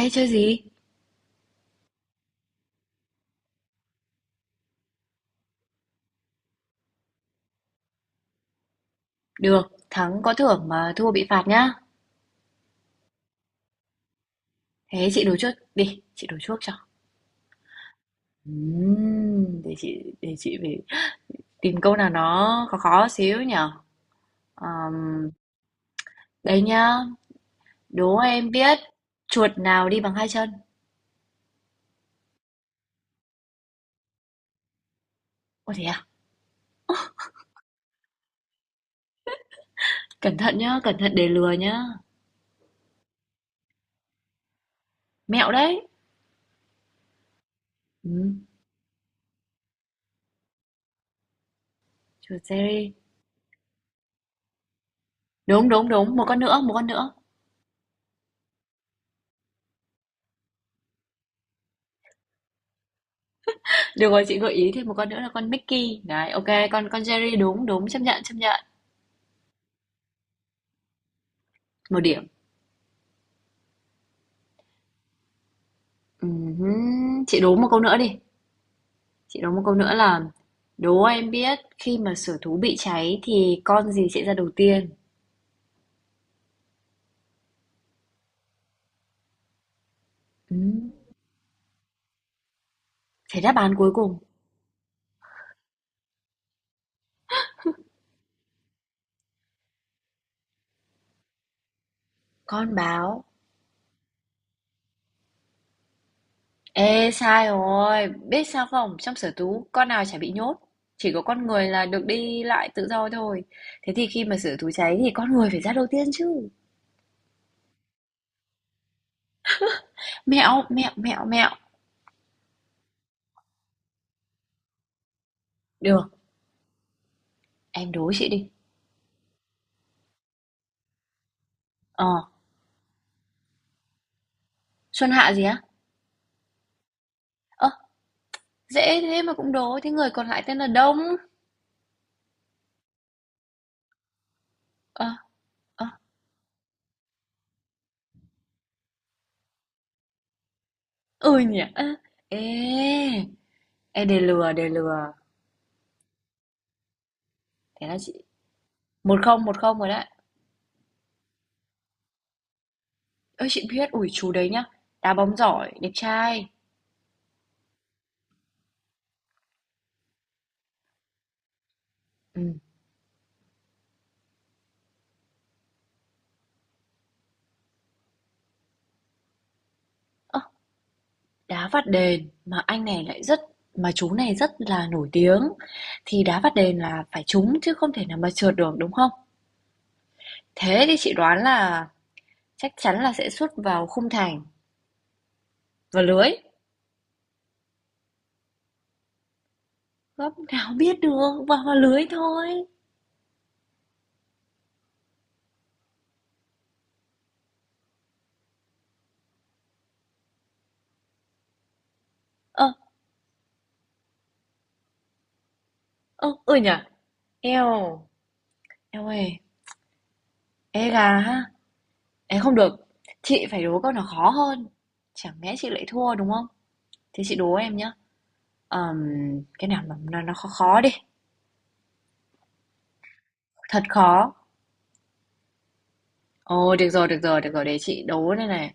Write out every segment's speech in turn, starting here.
Ê chơi gì? Được, thắng có thưởng mà thua bị phạt nhá. Thế chị đố trước đi, chị đố trước cho. Để chị phải tìm câu nào nó khó khó xíu nhở. Ờm, đây nhá, đố em biết chuột nào đi bằng hai chân. Ôi thế à? Cẩn thận nhá, cẩn thận để lừa nhá. Mẹo đấy. Ừm, chuột Jerry. Đúng đúng đúng, một con nữa, một con nữa. Được rồi, chị gợi ý thêm một con nữa là con Mickey. Đấy, ok, con Jerry đúng đúng chấp nhận chấp nhận. Một điểm. Ừm Chị đố một câu nữa đi. Chị đố một câu nữa là đố em biết khi mà sở thú bị cháy thì con gì sẽ ra đầu tiên? Ừm, Thế đáp án cuối cùng, con báo. Ê, sai rồi. Biết sao không? Trong sở thú con nào chả bị nhốt. Chỉ có con người là được đi lại tự do thôi. Thế thì khi mà sở thú cháy thì con người phải ra đầu tiên chứ. Mẹo, mẹo, mẹo, mẹo. Được, em đố chị đi. Ờ, Xuân Hạ gì á? Ơ, dễ thế mà cũng đố. Thế người còn lại tên là Đông. Ờ, ờ. Ừ nhỉ. Ơ, ê, ê đề lừa, đề lừa. Thế là chị một không rồi đấy. Ơi chị biết ủi chú đấy nhá. Đá bóng giỏi, đẹp trai. Ừ. Ơ, đá phạt đền mà anh này lại rất mà chú này rất là nổi tiếng thì đá phạt đền là phải trúng chứ không thể nào mà trượt được đúng không? Thế thì chị đoán là chắc chắn là sẽ sút vào khung thành và lưới. Góc nào biết được, vào vào lưới thôi. Ờ, ờ, ừ nhỉ. Eo, eo ơi, ê gà ha. Ê, không được, chị phải đố câu nào khó hơn. Chẳng lẽ chị lại thua đúng không? Thế chị đố em nhá. Ờm, cái nào mà nó khó khó đi, thật khó. Ồ, được rồi, được rồi, được rồi, để chị đố đây này.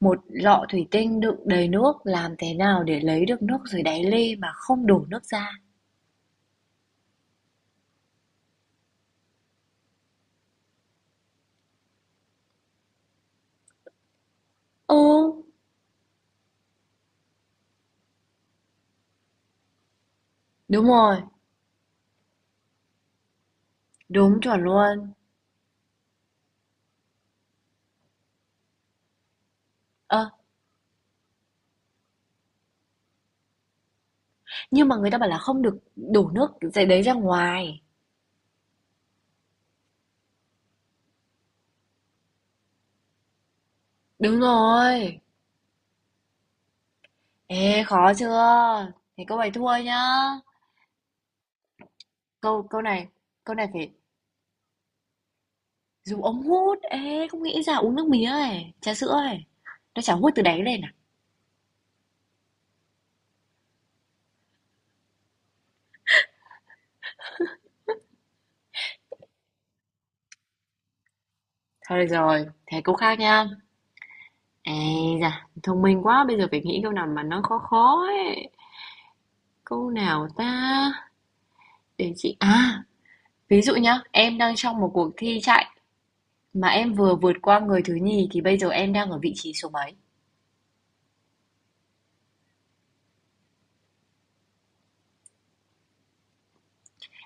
Một lọ thủy tinh đựng đầy nước, làm thế nào để lấy được nước dưới đáy ly mà không đổ nước ra? Ừ, đúng rồi, đúng chuẩn luôn. Ơ, nhưng mà người ta bảo là không được đổ nước dưới đấy ra ngoài. Đúng rồi. Ê, khó chưa? Thế cô ấy thua nhá. Câu câu này phải dùng ống hút. Ê, không nghĩ ra uống nước mía ấy, trà sữa ấy. Nó chả hút từ đáy lên à? Thôi rồi, thế câu khác nha. Ê da, thông minh quá, bây giờ phải nghĩ câu nào mà nó khó khó ấy. Câu nào ta? Để chị. À, ví dụ nhá, em đang trong một cuộc thi chạy mà em vừa vượt qua người thứ nhì thì bây giờ em đang ở vị trí số mấy?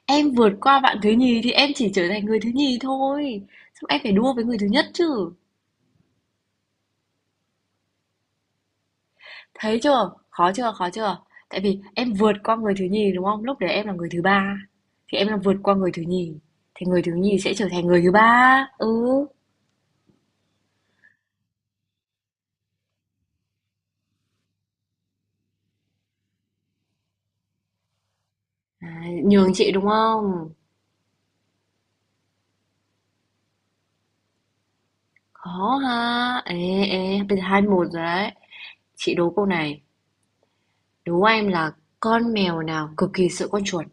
Em vượt qua bạn thứ nhì thì em chỉ trở thành người thứ nhì thôi. Xong em phải đua với người thứ nhất chứ. Thấy chưa? Khó chưa? Khó chưa? Tại vì em vượt qua người thứ nhì đúng không? Lúc đấy em là người thứ ba thì em là vượt qua người thứ nhì thì người thứ nhì sẽ trở thành người thứ ba. Ừ. À, nhường chị đúng không? Khó ha. Ê ê, bây giờ hai một rồi đấy. Chị đố câu này. Đố em là con mèo nào cực kỳ sợ con chuột?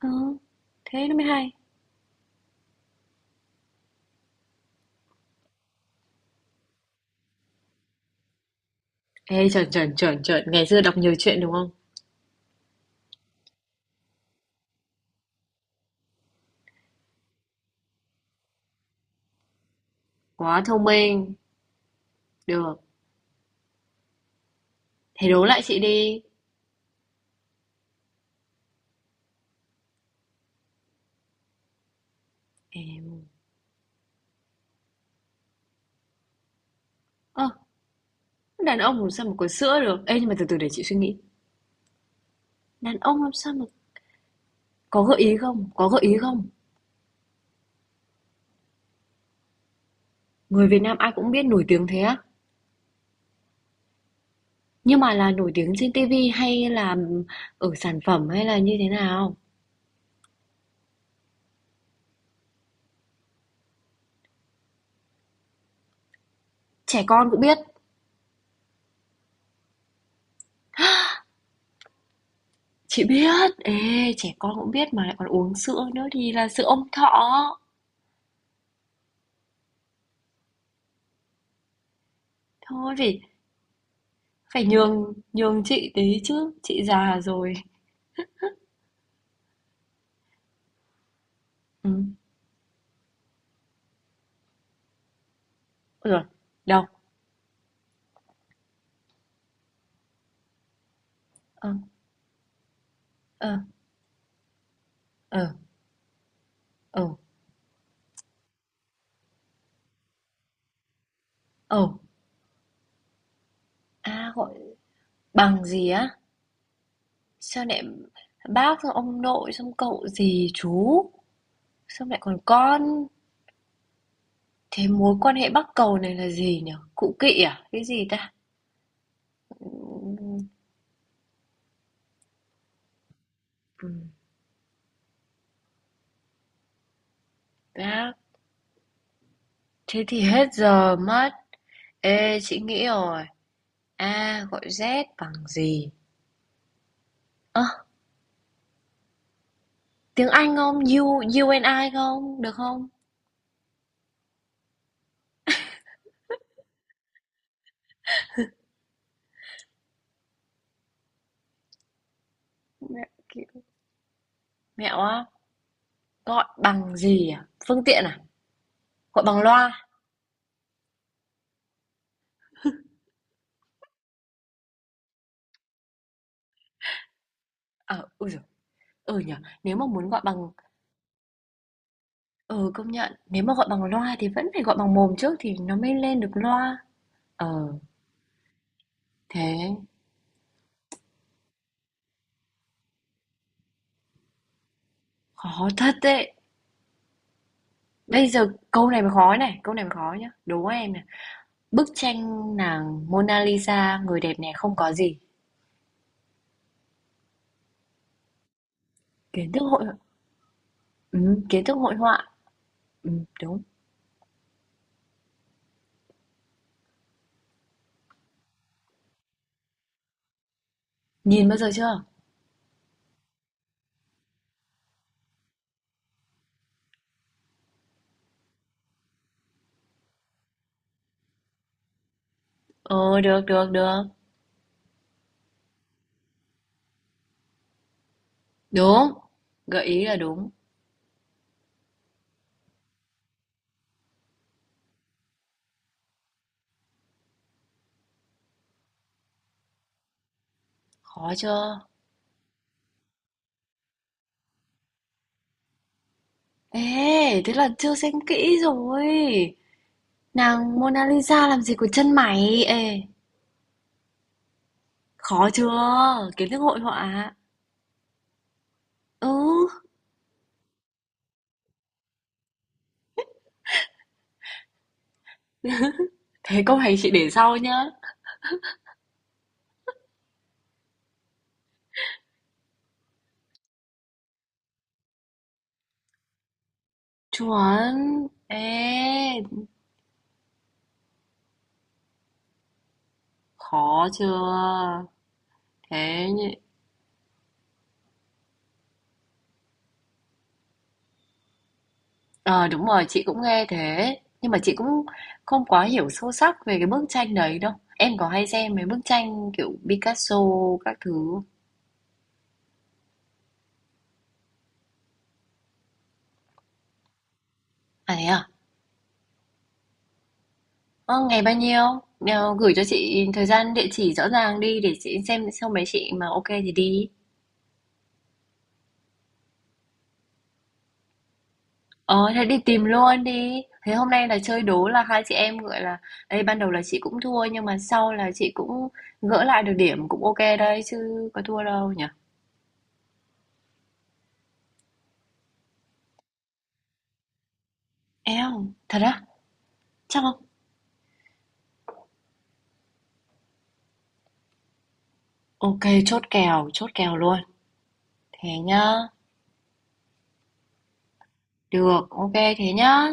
Ừ, thế nó mới hay. Ê chuẩn chuẩn chuẩn chuẩn, ngày xưa đọc nhiều chuyện đúng không? Quá thông minh. Được. Thế đố lại chị đi. Em Ơ, đàn ông làm sao mà có sữa được? Ê, nhưng mà từ từ để chị suy nghĩ. Đàn ông làm sao mà có gợi ý không? Có gợi ý không? Người Việt Nam ai cũng biết nổi tiếng thế á. Nhưng mà là nổi tiếng trên TV hay là ở sản phẩm hay là như thế nào? Trẻ con cũng biết. Chị biết. Ê, trẻ con cũng biết mà lại còn uống sữa nữa thì là sữa Ông Thọ. Thôi phải phải nhường nhường chị tí chứ. Chị già rồi. Ừ. Rồi. Đâu? Ờ. Ờ. Ờ. Ờ. Ờ. À gọi bằng gì á? Sao lại bác, xong ông nội, xong cậu dì chú, xong lại còn con. Thế mối quan hệ bắc cầu này là gì nhỉ? Cụ kỵ à? Cái gì ta? Ừm, bác. Thế thì hết giờ mất. Ê, chị nghĩ rồi. A gọi Z bằng gì? Ơ, à, tiếng Anh không? U and I không? Được không? Mẹ, mẹo á. Gọi bằng gì à? Phương tiện à? Gọi bằng loa? Ờ, à, ui giời, ừ nhỉ. Nếu mà muốn gọi bằng. Ừ, công nhận. Nếu mà gọi bằng loa thì vẫn phải gọi bằng mồm trước thì nó mới lên được loa. Ờ, thế khó thật đấy. Bây giờ câu này mới khó này, câu này mới khó nhá. Đố em này. Bức tranh nàng Mona Lisa, người đẹp này không có gì. Kiến thức hội ừ, kiến thức hội họa. Ừ, đúng. Nhìn bao giờ chưa? Ờ, được, được, được. Đúng. Gợi ý là đúng. Khó chưa? Ê, thế là chưa xem kỹ rồi. Nàng Mona Lisa làm gì có chân mày? Ê. Khó chưa? Kiến thức hội họa à? Ừ, thế câu này chị để sau nhá. Chuẩn. Ê, khó chưa? Thế nhỉ? Ờ đúng rồi, chị cũng nghe thế. Nhưng mà chị cũng không quá hiểu sâu sắc về cái bức tranh đấy đâu. Em có hay xem mấy bức tranh kiểu Picasso các thứ không? À thế à? Ờ, ngày bao nhiêu? Ờ, gửi cho chị thời gian địa chỉ rõ ràng đi để chị xem xong mấy chị mà ok thì đi. Ờ, thế đi tìm luôn đi. Thế hôm nay là chơi đố là hai chị em gọi là đây ban đầu là chị cũng thua nhưng mà sau là chị cũng gỡ lại được điểm cũng ok đấy chứ có thua đâu nhỉ? Eo, thật á? Chắc không? Ok, chốt kèo luôn. Thế nhá. Được, ok thế nhá.